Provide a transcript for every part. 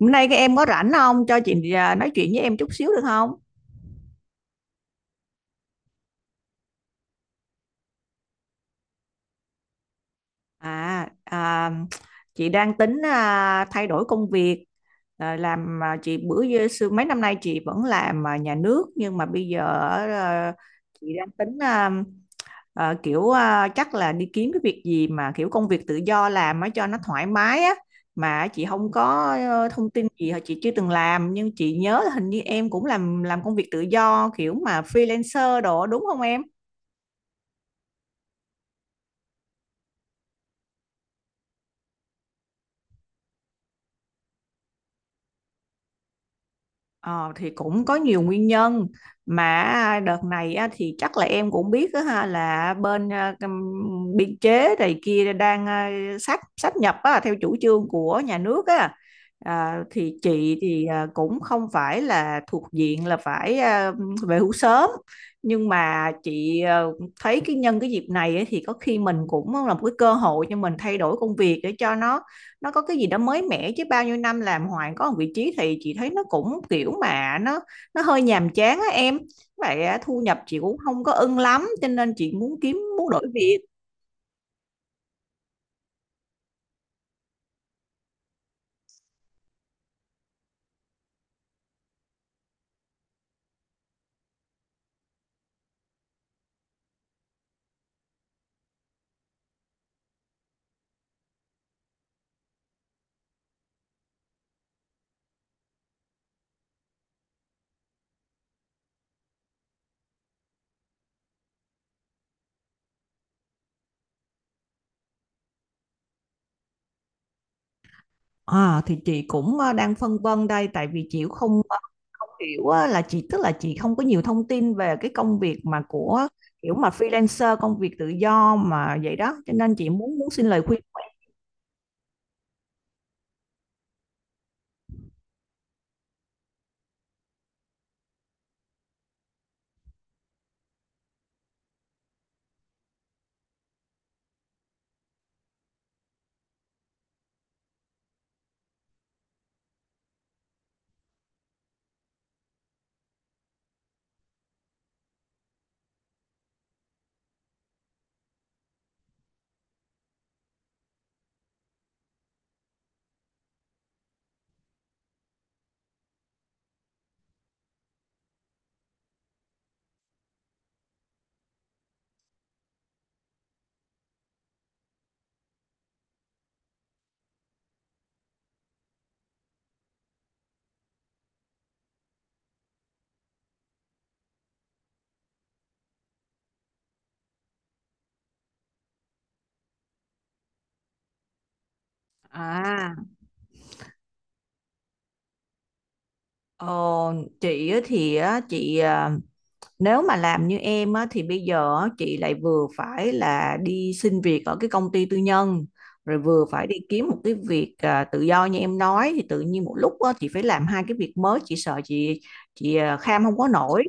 Hôm nay các em có rảnh không? Cho chị nói chuyện với em chút xíu được không? À, à chị đang tính thay đổi công việc. Làm chị xưa mấy năm nay chị vẫn làm nhà nước nhưng mà bây giờ à, chị đang tính kiểu chắc là đi kiếm cái việc gì mà kiểu công việc tự do làm á cho nó thoải mái á mà chị không có thông tin gì hoặc chị chưa từng làm nhưng chị nhớ là hình như em cũng làm công việc tự do kiểu mà freelancer đồ đúng không em? Ờ, thì cũng có nhiều nguyên nhân mà đợt này á, thì chắc là em cũng biết đó, ha, là bên biên chế này kia đang sát sát nhập á, theo chủ trương của nhà nước á. À, thì chị thì cũng không phải là thuộc diện là phải về hưu sớm nhưng mà chị thấy cái nhân cái dịp này ấy, thì có khi mình cũng là một cái cơ hội cho mình thay đổi công việc để cho nó có cái gì đó mới mẻ chứ bao nhiêu năm làm hoài có một vị trí thì chị thấy nó cũng kiểu mà nó hơi nhàm chán á em, vậy á, thu nhập chị cũng không có ưng lắm cho nên chị muốn kiếm muốn đổi việc. À, thì chị cũng đang phân vân đây tại vì chị cũng không hiểu á, là chị tức là chị không có nhiều thông tin về cái công việc mà của kiểu mà freelancer công việc tự do mà vậy đó cho nên chị muốn muốn xin lời khuyên của em. À, ờ, chị á chị nếu mà làm như em á, thì bây giờ á, chị lại vừa phải là đi xin việc ở cái công ty tư nhân rồi vừa phải đi kiếm một cái việc tự do như em nói thì tự nhiên một lúc á, chị phải làm hai cái việc mới chị sợ chị kham không có nổi.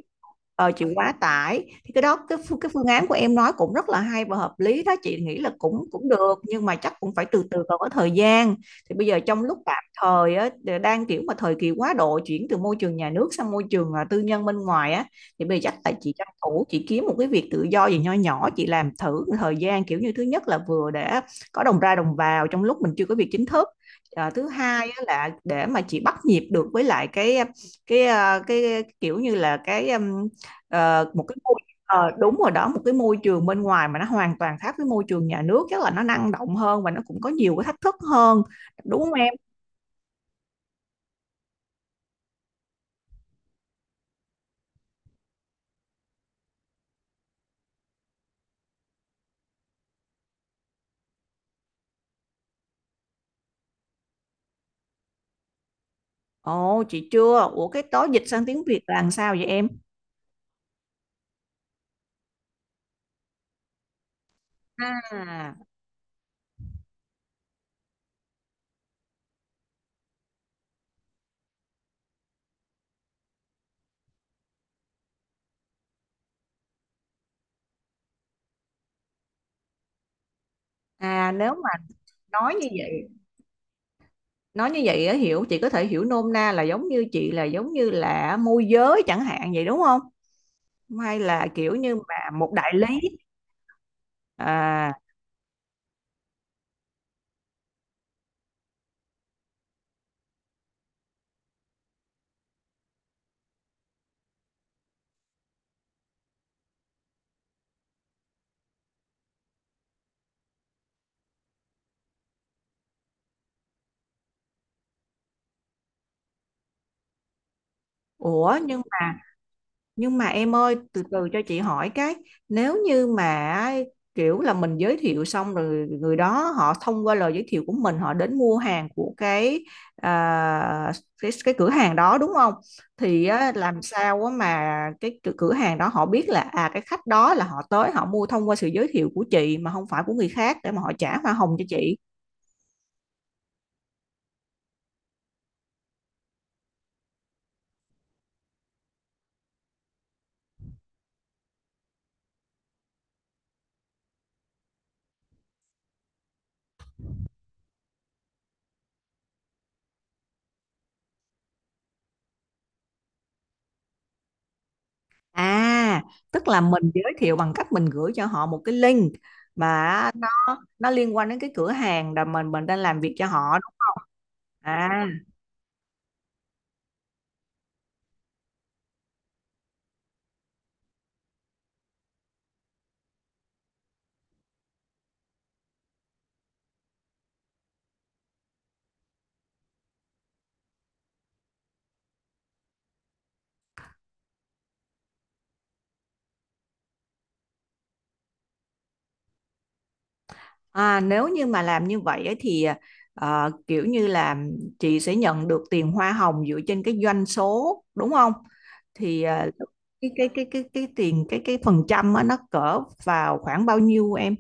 Ờ, chị quá tải thì cái đó cái cái phương án của em nói cũng rất là hay và hợp lý đó chị nghĩ là cũng cũng được nhưng mà chắc cũng phải từ từ còn có thời gian. Thì bây giờ trong lúc tạm thời á, đang kiểu mà thời kỳ quá độ chuyển từ môi trường nhà nước sang môi trường tư nhân bên ngoài á thì bây giờ chắc là chị tranh thủ chị kiếm một cái việc tự do gì nho nhỏ chị làm thử thời gian kiểu như thứ nhất là vừa để có đồng ra đồng vào trong lúc mình chưa có việc chính thức. À, thứ hai á là để mà chị bắt nhịp được với lại cái cái kiểu như là cái một cái môi, ờ, đúng rồi đó, một cái môi trường bên ngoài mà nó hoàn toàn khác với môi trường nhà nước chắc là nó năng động hơn và nó cũng có nhiều cái thách thức hơn đúng không em? Ồ chị chưa, ủa cái đó dịch sang tiếng Việt là làm sao vậy em? À, à, nếu mà nói như vậy nói như vậy á, hiểu chị có thể hiểu nôm na là giống như chị là giống như là môi giới chẳng hạn vậy đúng không, hay là kiểu như mà một đại lý? À, ủa nhưng mà, nhưng mà em ơi, từ từ cho chị hỏi cái, nếu như mà kiểu là mình giới thiệu xong rồi người đó họ thông qua lời giới thiệu của mình họ đến mua hàng của cái à, cái cửa hàng đó đúng không? Thì á, làm sao á mà cái cửa cửa hàng đó họ biết là à cái khách đó là họ tới họ mua thông qua sự giới thiệu của chị mà không phải của người khác để mà họ trả hoa hồng cho chị. À, tức là mình giới thiệu bằng cách mình gửi cho họ một cái link mà nó liên quan đến cái cửa hàng là mình đang làm việc cho họ đúng không? À, à nếu như mà làm như vậy ấy thì ờ, kiểu như là chị sẽ nhận được tiền hoa hồng dựa trên cái doanh số đúng không? Thì ờ, cái tiền cái phần trăm á, nó cỡ vào khoảng bao nhiêu em?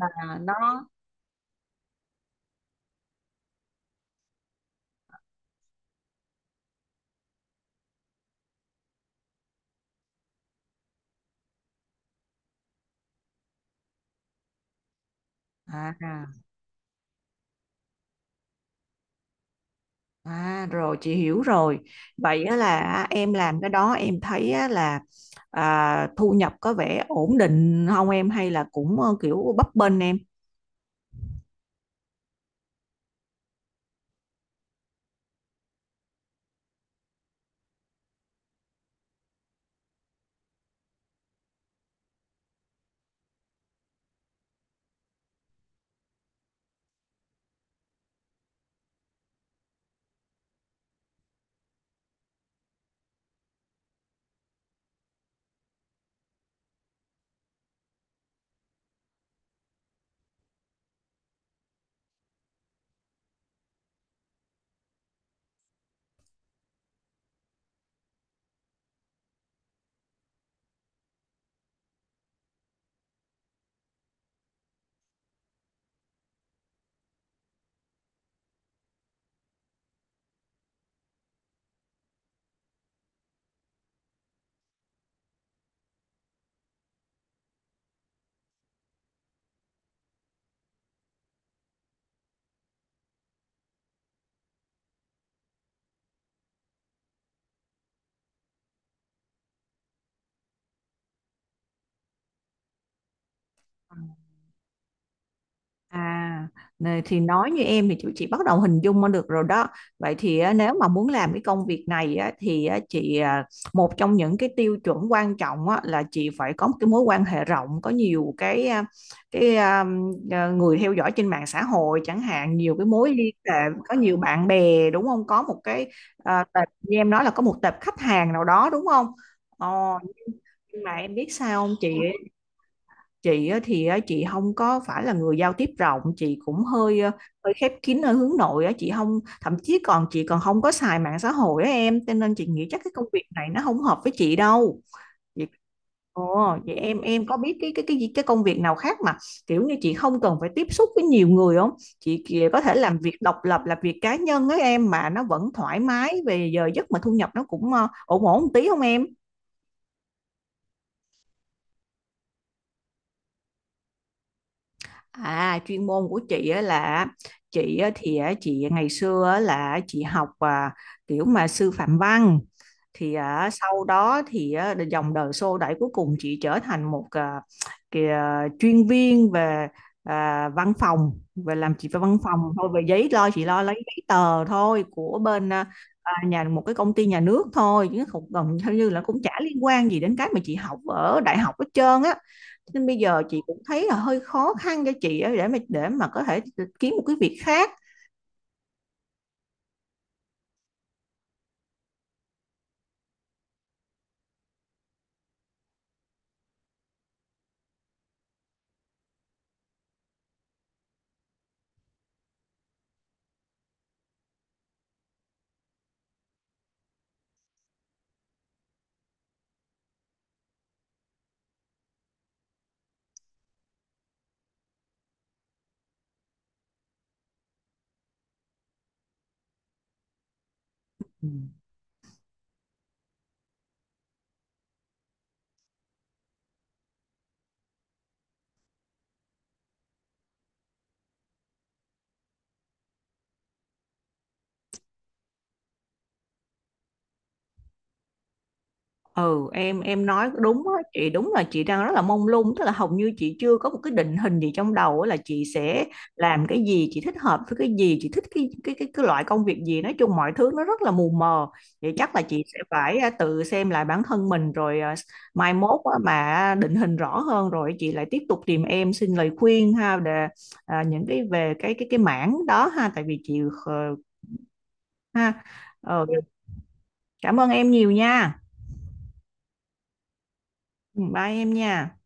À, nó à à. À rồi chị hiểu rồi. Vậy á là em làm cái đó em thấy á là thu nhập có vẻ ổn định không em hay là cũng ờ, kiểu bấp bênh em? À, nè, thì nói như em thì chị bắt đầu hình dung ra được rồi đó. Vậy thì á, nếu mà muốn làm cái công việc này á, thì á, chị một trong những cái tiêu chuẩn quan trọng á, là chị phải có một cái mối quan hệ rộng, có nhiều cái cái à, người theo dõi trên mạng xã hội chẳng hạn, nhiều cái mối liên hệ, có nhiều bạn bè đúng không? Có một cái tệp, như em nói là có một tệp khách hàng nào đó đúng không? Ờ, nhưng mà em biết sao không chị, chị thì chị không có phải là người giao tiếp rộng chị cũng hơi hơi khép kín ở hướng nội á chị không, thậm chí còn chị còn không có xài mạng xã hội á em cho nên chị nghĩ chắc cái công việc này nó không hợp với chị đâu chị. Ồ vậy em có biết cái cái công việc nào khác mà kiểu như chị không cần phải tiếp xúc với nhiều người không, chị kìa có thể làm việc độc lập làm việc cá nhân á em mà nó vẫn thoải mái về giờ giấc mà thu nhập nó cũng ờ, ổn ổn một tí không em? À, chuyên môn của chị á là chị á chị ngày xưa á là chị học kiểu mà sư phạm văn thì sau đó thì dòng đời xô đẩy cuối cùng chị trở thành một kìa, chuyên viên về văn phòng về làm chị về văn phòng thôi về giấy lo chị lo lấy giấy tờ thôi của bên là nhà một cái công ty nhà nước thôi chứ không gần theo như là cũng chả liên quan gì đến cái mà chị học ở đại học hết trơn á nên bây giờ chị cũng thấy là hơi khó khăn cho chị để mà có thể kiếm một cái việc khác. Ừ. Ừ em nói đúng á chị, đúng là chị đang rất là mông lung tức là hầu như chị chưa có một cái định hình gì trong đầu á, là chị sẽ làm cái gì chị thích hợp với cái gì chị thích cái loại công việc gì nói chung mọi thứ nó rất là mù mờ. Vậy chắc là chị sẽ phải tự xem lại bản thân mình rồi mai mốt á, mà định hình rõ hơn rồi chị lại tiếp tục tìm em xin lời khuyên ha để những cái về cái mảng đó ha tại vì chị ờ, ha, ờ, cảm ơn em nhiều nha. Ừ, bye em nha.